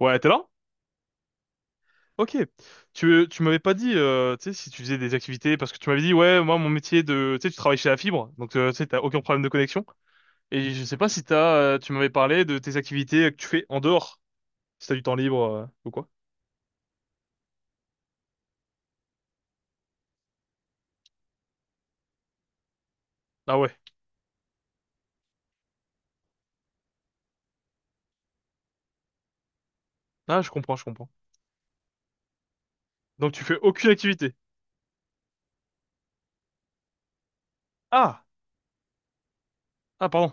Ouais, t'es là? Ok. Tu m'avais pas dit, tu sais, si tu faisais des activités, parce que tu m'avais dit, ouais, moi, mon métier de, tu sais, tu travailles chez la fibre, donc, tu sais, t'as aucun problème de connexion. Et je sais pas si t'as, tu m'avais parlé de tes activités que tu fais en dehors, si t'as du temps libre, ou quoi. Ah ouais. Ah, je comprends, je comprends. Donc, tu fais aucune activité. Ah! Ah, pardon.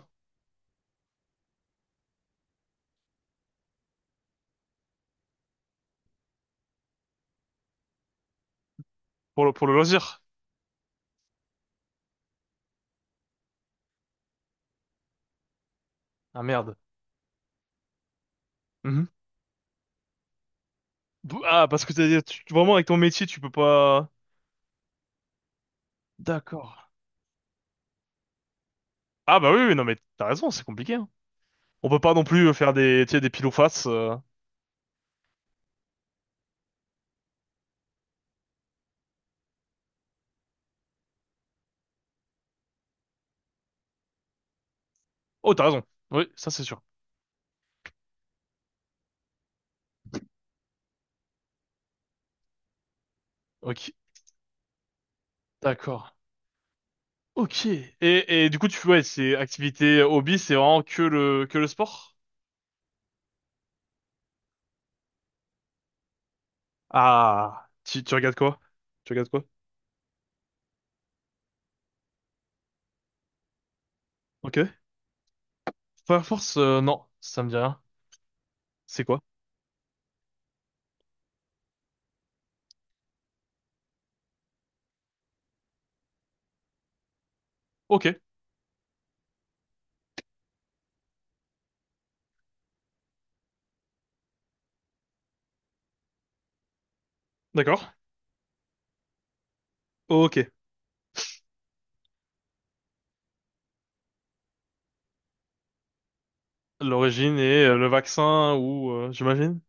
Pour le loisir. Ah, merde. Mhm. Ah, parce que vraiment, avec ton métier, tu peux pas... D'accord. Ah, bah oui, oui, non, mais t'as raison, c'est compliqué, hein. On peut pas non plus faire des, tu sais, des pile ou face. Oh, t'as raison. Oui, ça c'est sûr. Ok, d'accord. Ok. Et du coup, tu ouais, c'est activité hobby, c'est vraiment que le sport? Ah, tu regardes quoi? Tu regardes quoi? Ok. Fire Force, non, ça me dit rien. C'est quoi? Ok, d'accord. Ok. L'origine et le vaccin ou j'imagine?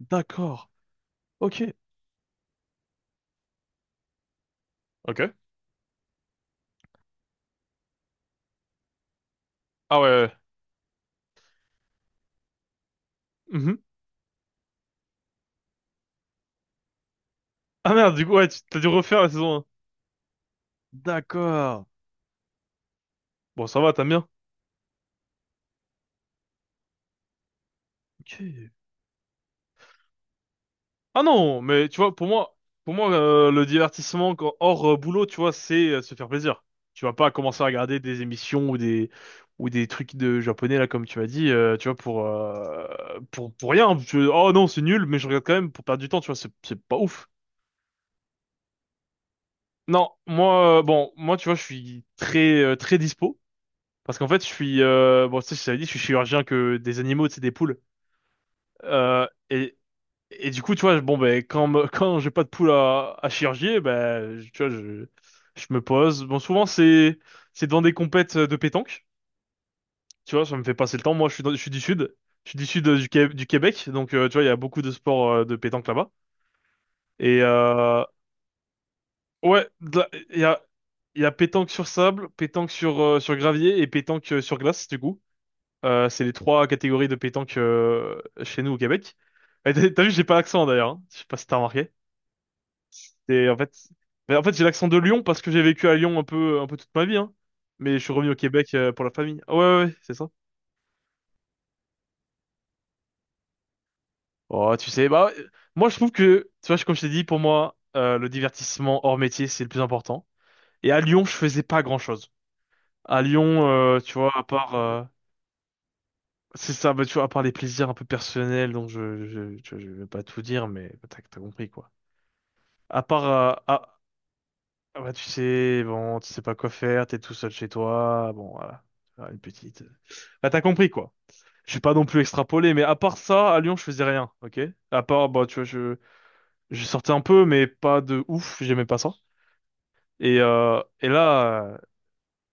D'accord. Ok. Ok. Ah ouais. Ouais. Mhm. Ah merde, du coup, ouais, t'as dû refaire la saison 1. D'accord. Bon, ça va, t'aimes bien. Ok. Ah non, mais tu vois, pour moi, le divertissement hors boulot, tu vois, c'est se faire plaisir. Tu vas pas commencer à regarder des émissions ou des trucs de japonais là, comme tu m'as dit, tu vois, pour rien. Oh non, c'est nul, mais je regarde quand même pour perdre du temps, tu vois, c'est pas ouf. Non, moi, bon, moi, tu vois, je suis très très dispo parce qu'en fait, je suis bon, tu sais, je t'avais dit, je suis chirurgien que des animaux, c'est des poules. Euh, et Et du coup, tu vois, bon, ben, quand j'ai pas de poule à chirurgier, ben, tu vois, je me pose. Bon, souvent, c'est devant des compètes de pétanque. Tu vois, ça me fait passer le temps. Moi, je suis du sud. Je suis du sud du Québec. Donc, tu vois, il y a beaucoup de sports de pétanque là-bas. Et, ouais, il y a pétanque sur sable, pétanque sur gravier et pétanque sur glace, du coup. C'est les trois catégories de pétanque chez nous au Québec. Et t'as vu, j'ai pas l'accent d'ailleurs, hein. Je sais pas si t'as remarqué. C'est en fait, mais en fait, j'ai l'accent de Lyon parce que j'ai vécu à Lyon un peu toute ma vie, hein. Mais je suis revenu au Québec pour la famille. Ah ouais, ouais, ouais, c'est ça. Oh, tu sais, bah, moi, je trouve que, tu vois, comme je t'ai dit, pour moi, le divertissement hors métier, c'est le plus important. Et à Lyon, je faisais pas grand-chose. À Lyon, tu vois, à part, c'est ça, bah, tu vois, à part les plaisirs un peu personnels, donc je vais pas tout dire, mais bah, t'as compris, quoi. À part, ah, ah, bah, tu sais, bon, tu sais pas quoi faire, t'es tout seul chez toi, bon, voilà. Faire une petite. Là, t'as compris, quoi. Je suis pas non plus extrapolé, mais à part ça, à Lyon, je faisais rien, ok? À part, bah, tu vois, je sortais un peu, mais pas de ouf, j'aimais pas ça. Et là,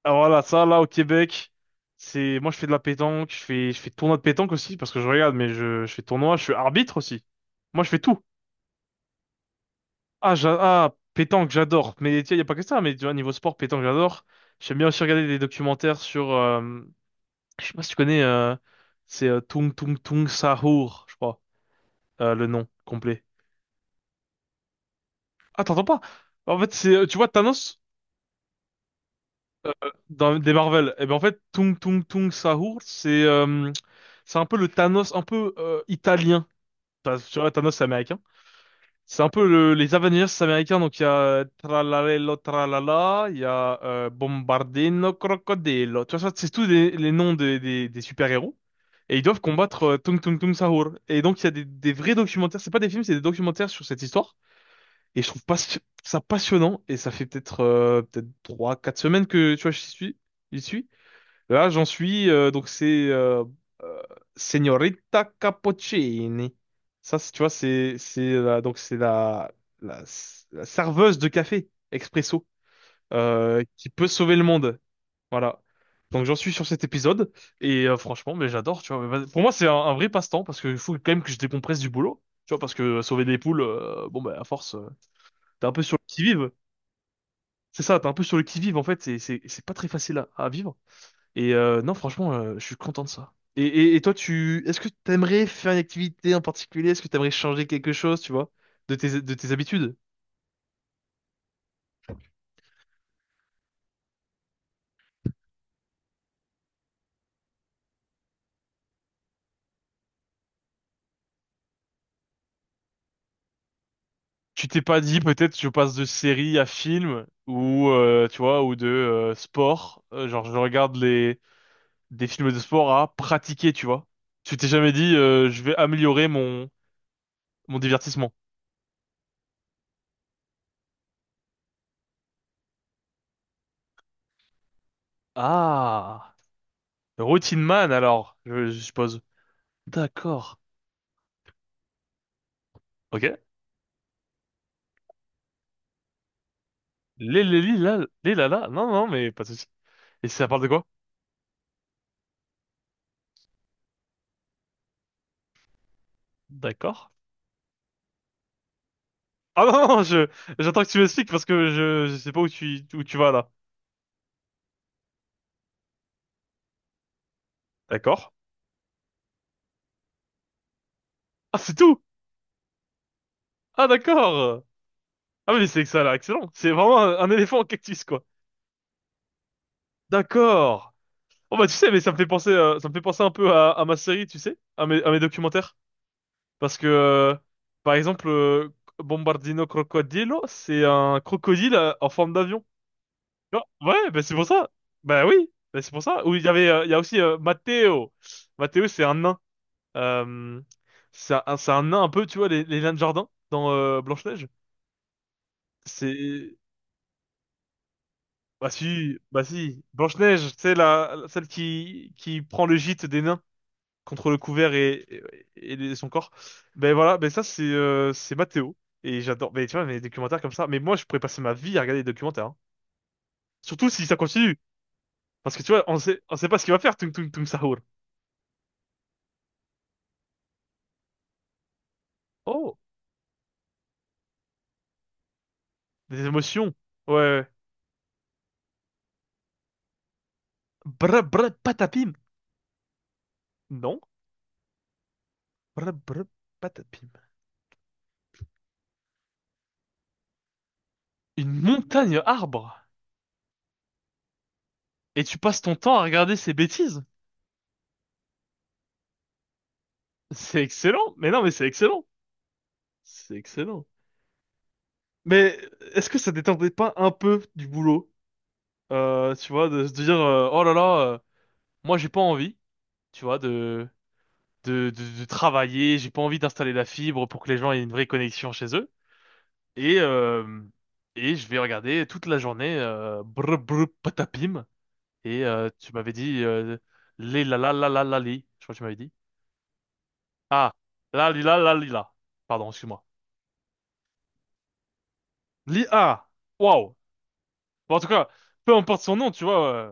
alors voilà, ça, là, au Québec, c'est, moi, je fais de la pétanque, je fais tournoi de pétanque aussi, parce que je regarde, mais je fais tournoi, je suis arbitre aussi. Moi, je fais tout. Ah, ah, pétanque, j'adore. Mais, tu sais, y a pas que ça, mais, tu vois, niveau sport, pétanque, j'adore. J'aime bien aussi regarder des documentaires sur, je sais pas si tu connais, c'est Tung Tung Tung Sahur, je crois. Le nom complet. Ah, t'entends pas? En fait, c'est, tu vois, Thanos, euh, dans des Marvel, et ben en fait, Tung Tung Tung Sahur, c'est un peu le Thanos un peu italien. Enfin, tu vois, Thanos, c'est américain. C'est un peu les Avengers américains, donc il y a Tralalelo Tralala, il y a Bombardino Crocodilo. Tu vois, ça, c'est tous les noms des super-héros. Et ils doivent combattre Tung Tung Tung Sahur. Et donc, il y a des vrais documentaires, c'est pas des films, c'est des documentaires sur cette histoire. Et je trouve pas ça passionnant. Et ça fait peut-être 3, 4 semaines que tu vois, j'y suis. J'y suis. Là, j'en suis. Donc c'est euh, Signorita Cappuccini. Ça, tu vois, donc c'est la la serveuse de café expresso qui peut sauver le monde. Voilà. Donc j'en suis sur cet épisode et franchement mais j'adore tu vois. Mais pour moi c'est un vrai passe-temps parce qu'il faut quand même que je décompresse du boulot, tu vois, parce que sauver des poules, bon bah à force. T'es un peu sur le qui-vive. C'est ça, t'es un peu sur le qui-vive, en fait. C'est pas très facile à vivre. Et non, franchement, je suis content de ça. Et toi, est-ce que t'aimerais faire une activité en particulier? Est-ce que t'aimerais changer quelque chose, tu vois, de tes habitudes? Tu t'es pas dit peut-être je passe de série à film ou tu vois ou de sport genre je regarde les des films de sport à pratiquer, tu vois, tu t'es jamais dit je vais améliorer mon divertissement. Ah, routine man alors je suppose. D'accord. Ok. Les, les, les, la, les, la, la. Non, non, mais pas de souci. Et ça parle de quoi? D'accord. Ah non, non, j'attends que tu m'expliques parce que je sais pas où tu vas là. D'accord. Ah, c'est tout! Ah, d'accord! Ah, mais c'est que ça, là, excellent. C'est vraiment un éléphant en cactus, quoi. D'accord. Oh, bah, tu sais, mais ça me fait penser, ça me fait penser un peu à ma série, tu sais, à mes documentaires. Parce que, par exemple, Bombardino Crocodilo, c'est un crocodile en forme d'avion. Non, ouais, bah c'est pour ça. Bah oui, bah c'est pour ça. Ou il y avait, il y a aussi Matteo. Matteo, c'est un nain. Euh, c'est un nain un peu, tu vois, les nains de jardin dans Blanche-Neige. C'est, bah si, bah si. Blanche-Neige, c'est celle qui prend le gîte des nains contre le couvert et son corps. Ben voilà, ben ça c'est Matteo. Et j'adore, mais tu vois, mes documentaires comme ça. Mais moi, je pourrais passer ma vie à regarder des documentaires, hein. Surtout si ça continue. Parce que tu vois, on sait pas ce qu'il va faire, Tung Tung Tung Sahur. Oh, des émotions. Ouais. Ouais. Bra bra patapim. Non. Bra bra patapim. Une montagne arbre. Et tu passes ton temps à regarder ces bêtises. C'est excellent. Mais non, mais c'est excellent. C'est excellent. Mais est-ce que ça détendait pas un peu du boulot? Tu vois, de se dire, oh là là, moi j'ai pas envie, tu vois, de travailler, j'ai pas envie d'installer la fibre pour que les gens aient une vraie connexion chez eux. Et, euh, et je vais regarder toute la journée brr brr patapim. Et tu m'avais dit li la la la la la li. Je crois que tu m'avais dit. Ah, la li la la li la. Pardon, excuse-moi. Li ah, waouh. Bon, en tout cas, peu importe son nom, tu vois.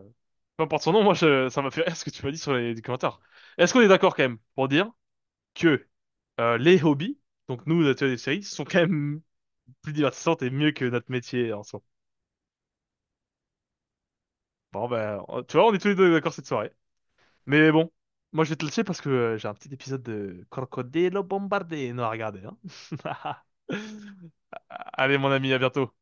Peu importe son nom, moi je, ça m'a fait rire ce que tu m'as dit sur les commentaires. Est-ce qu'on est d'accord quand même pour dire que les hobbies, donc nous, notre des séries, sont quand même plus divertissantes et mieux que notre métier en soi. Bon ben, tu vois, on est tous les deux d'accord cette soirée. Mais bon, moi je vais te laisser parce que j'ai un petit épisode de Crocodilo Bombardé non à regarder, hein. Allez mon ami, à bientôt.